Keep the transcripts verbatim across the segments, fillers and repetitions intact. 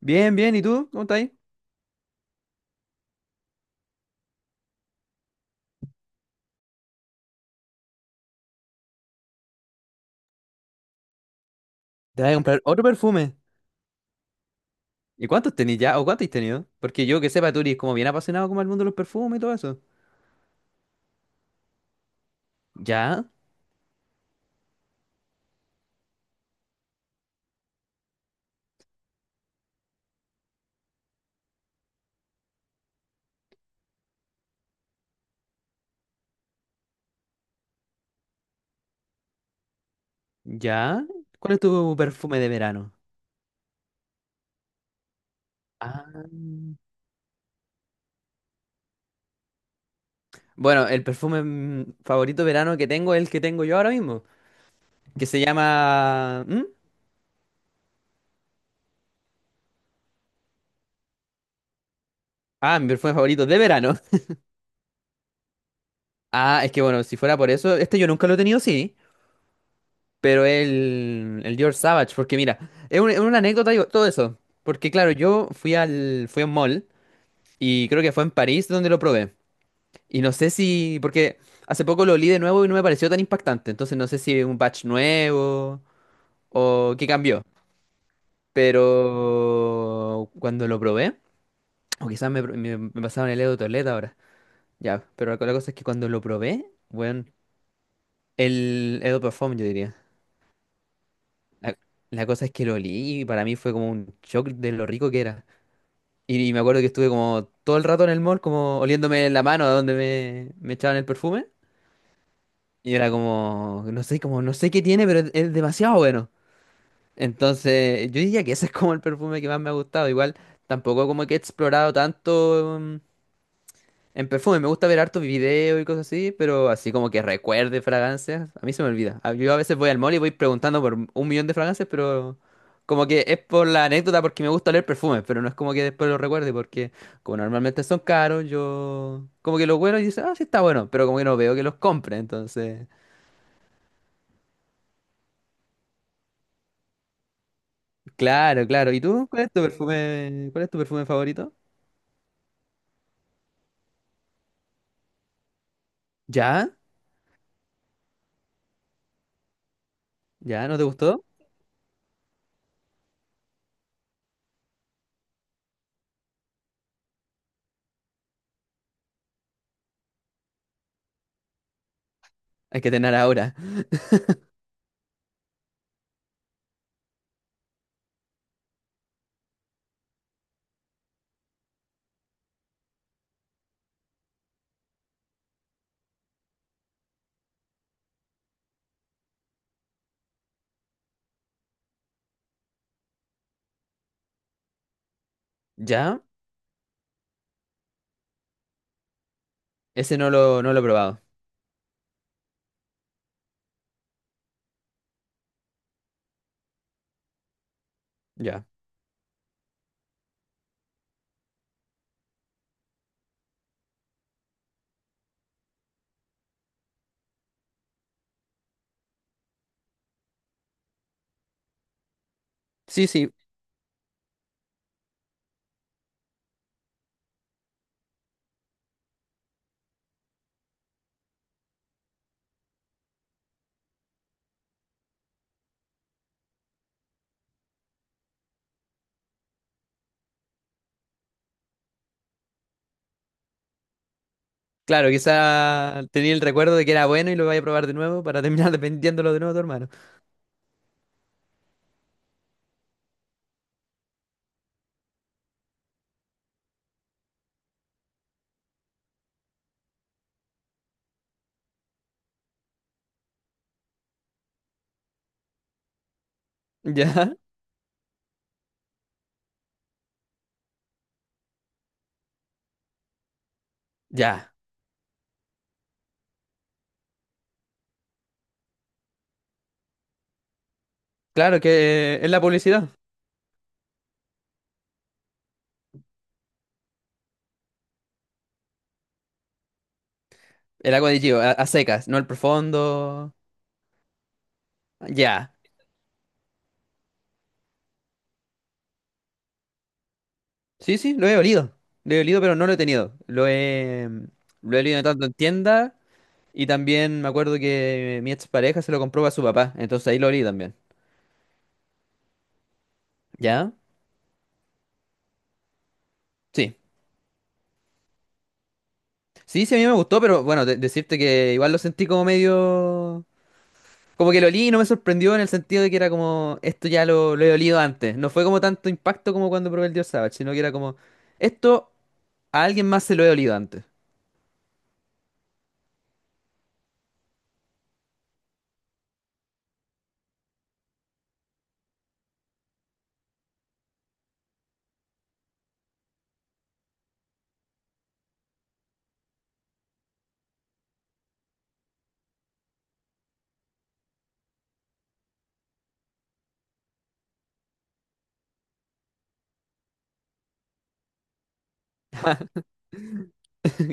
Bien, bien, ¿y tú? ¿Cómo estás ahí? Te vas a comprar otro perfume. ¿Y cuántos tenés ya? ¿O cuántos has tenido? Porque yo que sepa, tú eres como bien apasionado como el mundo de los perfumes y todo eso. ¿Ya? ¿Ya? ¿Cuál es tu perfume de verano? Ah. Bueno, el perfume mm, favorito de verano que tengo es el que tengo yo ahora mismo, que se llama... ¿Mm? Ah, mi perfume favorito de verano. Ah, es que bueno, si fuera por eso, este yo nunca lo he tenido, sí, pero el, el Dior Savage, porque mira, es, un- es una anécdota y todo eso, porque claro, yo fui al, fui a un mall. Y creo que fue en París donde lo probé. Y no sé si, porque hace poco lo olí de nuevo y no me pareció tan impactante. Entonces no sé si es un batch nuevo o qué cambió. Pero cuando lo probé, o quizás me, me, me pasaban el Edo Toilette ahora. Ya, pero la, la cosa es que cuando lo probé, bueno, el Edo perfume yo diría. La, la cosa es que lo olí y para mí fue como un shock de lo rico que era. Y, y me acuerdo que estuve como todo el rato en el mall, como oliéndome la mano a donde me, me echaban el perfume. Y era como, no sé, como no sé qué tiene, pero es, es demasiado bueno. Entonces, yo diría que ese es como el perfume que más me ha gustado. Igual, tampoco como que he explorado tanto mm, en perfume. Me gusta ver hartos videos y cosas así, pero así como que recuerde fragancias, a mí se me olvida. A- Yo a veces voy al mall y voy preguntando por un millón de fragancias, pero como que es por la anécdota porque me gusta leer perfumes, pero no es como que después lo recuerde porque como normalmente son caros, yo como que los huelo y dice, ah, sí está bueno, pero como que no veo que los compre, entonces... Claro, claro. ¿Y tú? ¿Cuál es tu perfume? ¿Cuál es tu perfume favorito? ¿Ya? ¿Ya? ¿No te gustó? Hay que tener ahora. ¿Ya? Ese no lo, no lo he probado. Ya. Sí, sí. Claro, quizá tenía el recuerdo de que era bueno y lo vaya a probar de nuevo para terminar dependiéndolo de nuevo a tu hermano. ¿Ya? Ya. Claro que es la publicidad. El agua de Gio, a, a secas, no el profundo. Ya. Sí, sí, lo he olido. Lo he olido, pero no lo he tenido. Lo he, lo he olido tanto en tienda. Y también me acuerdo que mi expareja se lo compró a su papá, entonces ahí lo olí también. ¿Ya? Sí. Sí, sí, a mí me gustó, pero bueno, de- decirte que igual lo sentí como medio... Como que lo olí y no me sorprendió en el sentido de que era como, esto ya lo, lo he olido antes. No fue como tanto impacto como cuando probé el Dios Savage, sino que era como, esto a alguien más se lo he olido antes.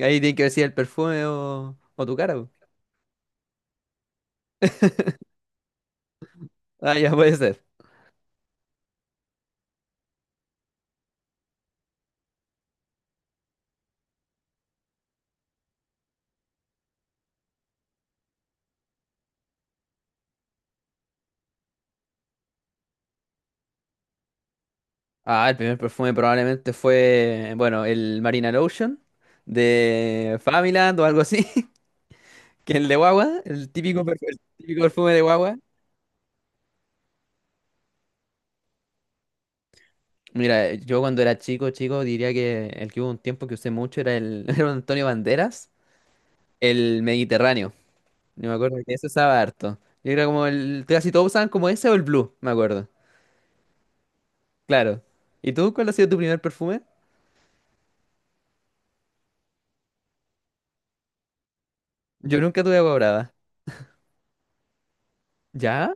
Ahí tiene que decir el perfume o, o tu cara. Po. Ah, ya puede ser. Ah, el primer perfume probablemente fue, bueno, el Marina Lotion de Familand o algo así, que el de guagua, el típico perfume, el típico perfume de guagua. Mira, eh, yo cuando era chico, chico, diría que el que hubo un tiempo que usé mucho era el, era un Antonio Banderas, el Mediterráneo. Yo me acuerdo que ese usaba harto. Yo era como el, casi todos usaban como ese o el Blue, me acuerdo. Claro. ¿Y tú cuál ha sido tu primer perfume? Yo nunca tuve agua brava. ¿Ya?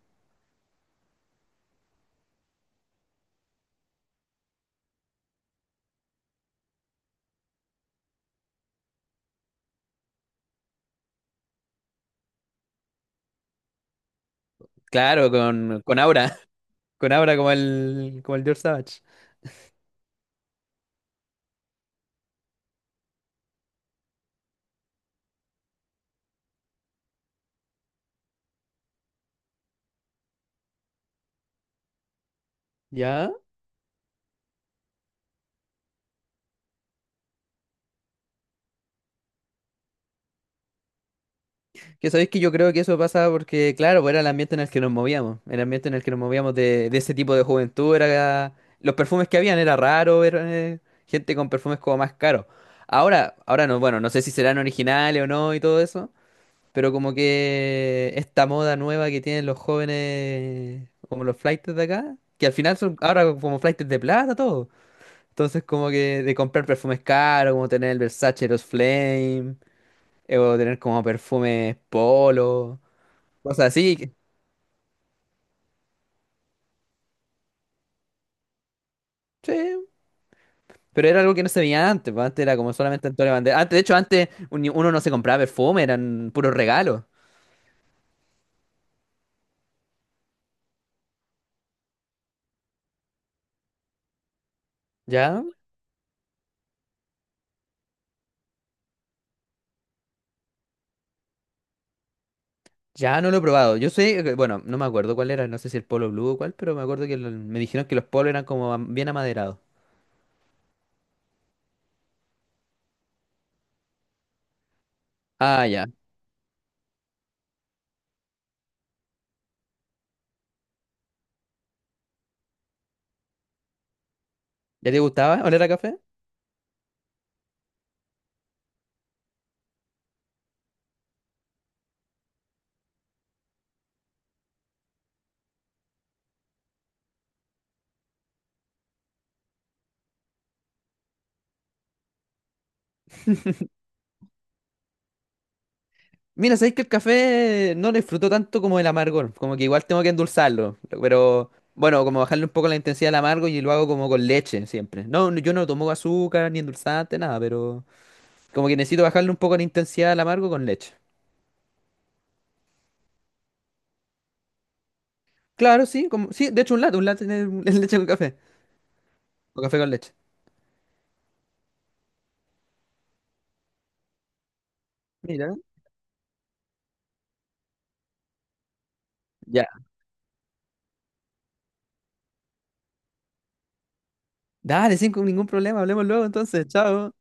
Claro, con, con Aura. Con Aura como el, como el George Savage. Ya, que sabéis que yo creo que eso pasa porque, claro, pues era el ambiente en el que nos movíamos, el ambiente en el que nos movíamos de, de ese tipo de juventud, era, los perfumes que habían era raro ver eh, gente con perfumes como más caros. Ahora, ahora no, bueno, no sé si serán originales o no y todo eso, pero como que esta moda nueva que tienen los jóvenes, como los flaites de acá, que al final son ahora como flaites de plata, todo. Entonces como que de comprar perfumes caros, como tener el Versace, los Flame. Eh, o tener como perfumes polo, cosas así. Que... Sí, pero era algo que no se veía antes, pues, antes era como solamente Antonio Banderas. Antes, de hecho, antes uni- uno no se compraba perfume, eran puros regalos. Ya, ya no lo he probado. Yo sé, que- bueno, no me acuerdo cuál era, no sé si el polo blue o cuál, pero me acuerdo que lo- me dijeron que los polos eran como am- bien amaderados. Ah, ya. ¿Ya te gustaba oler a café? Mira, sabéis que el café no lo disfruto tanto como el amargor, como que igual tengo que endulzarlo, pero bueno, como bajarle un poco la intensidad al amargo y lo hago como con leche siempre. No, no- yo no tomo azúcar ni endulzante, nada, pero como que necesito bajarle un poco la intensidad al amargo con leche. Claro, sí, como sí, de hecho un latte, un latte es es leche con café, o café con leche. Mira, ya. Dale, sin ningún problema, hablemos luego entonces, chao.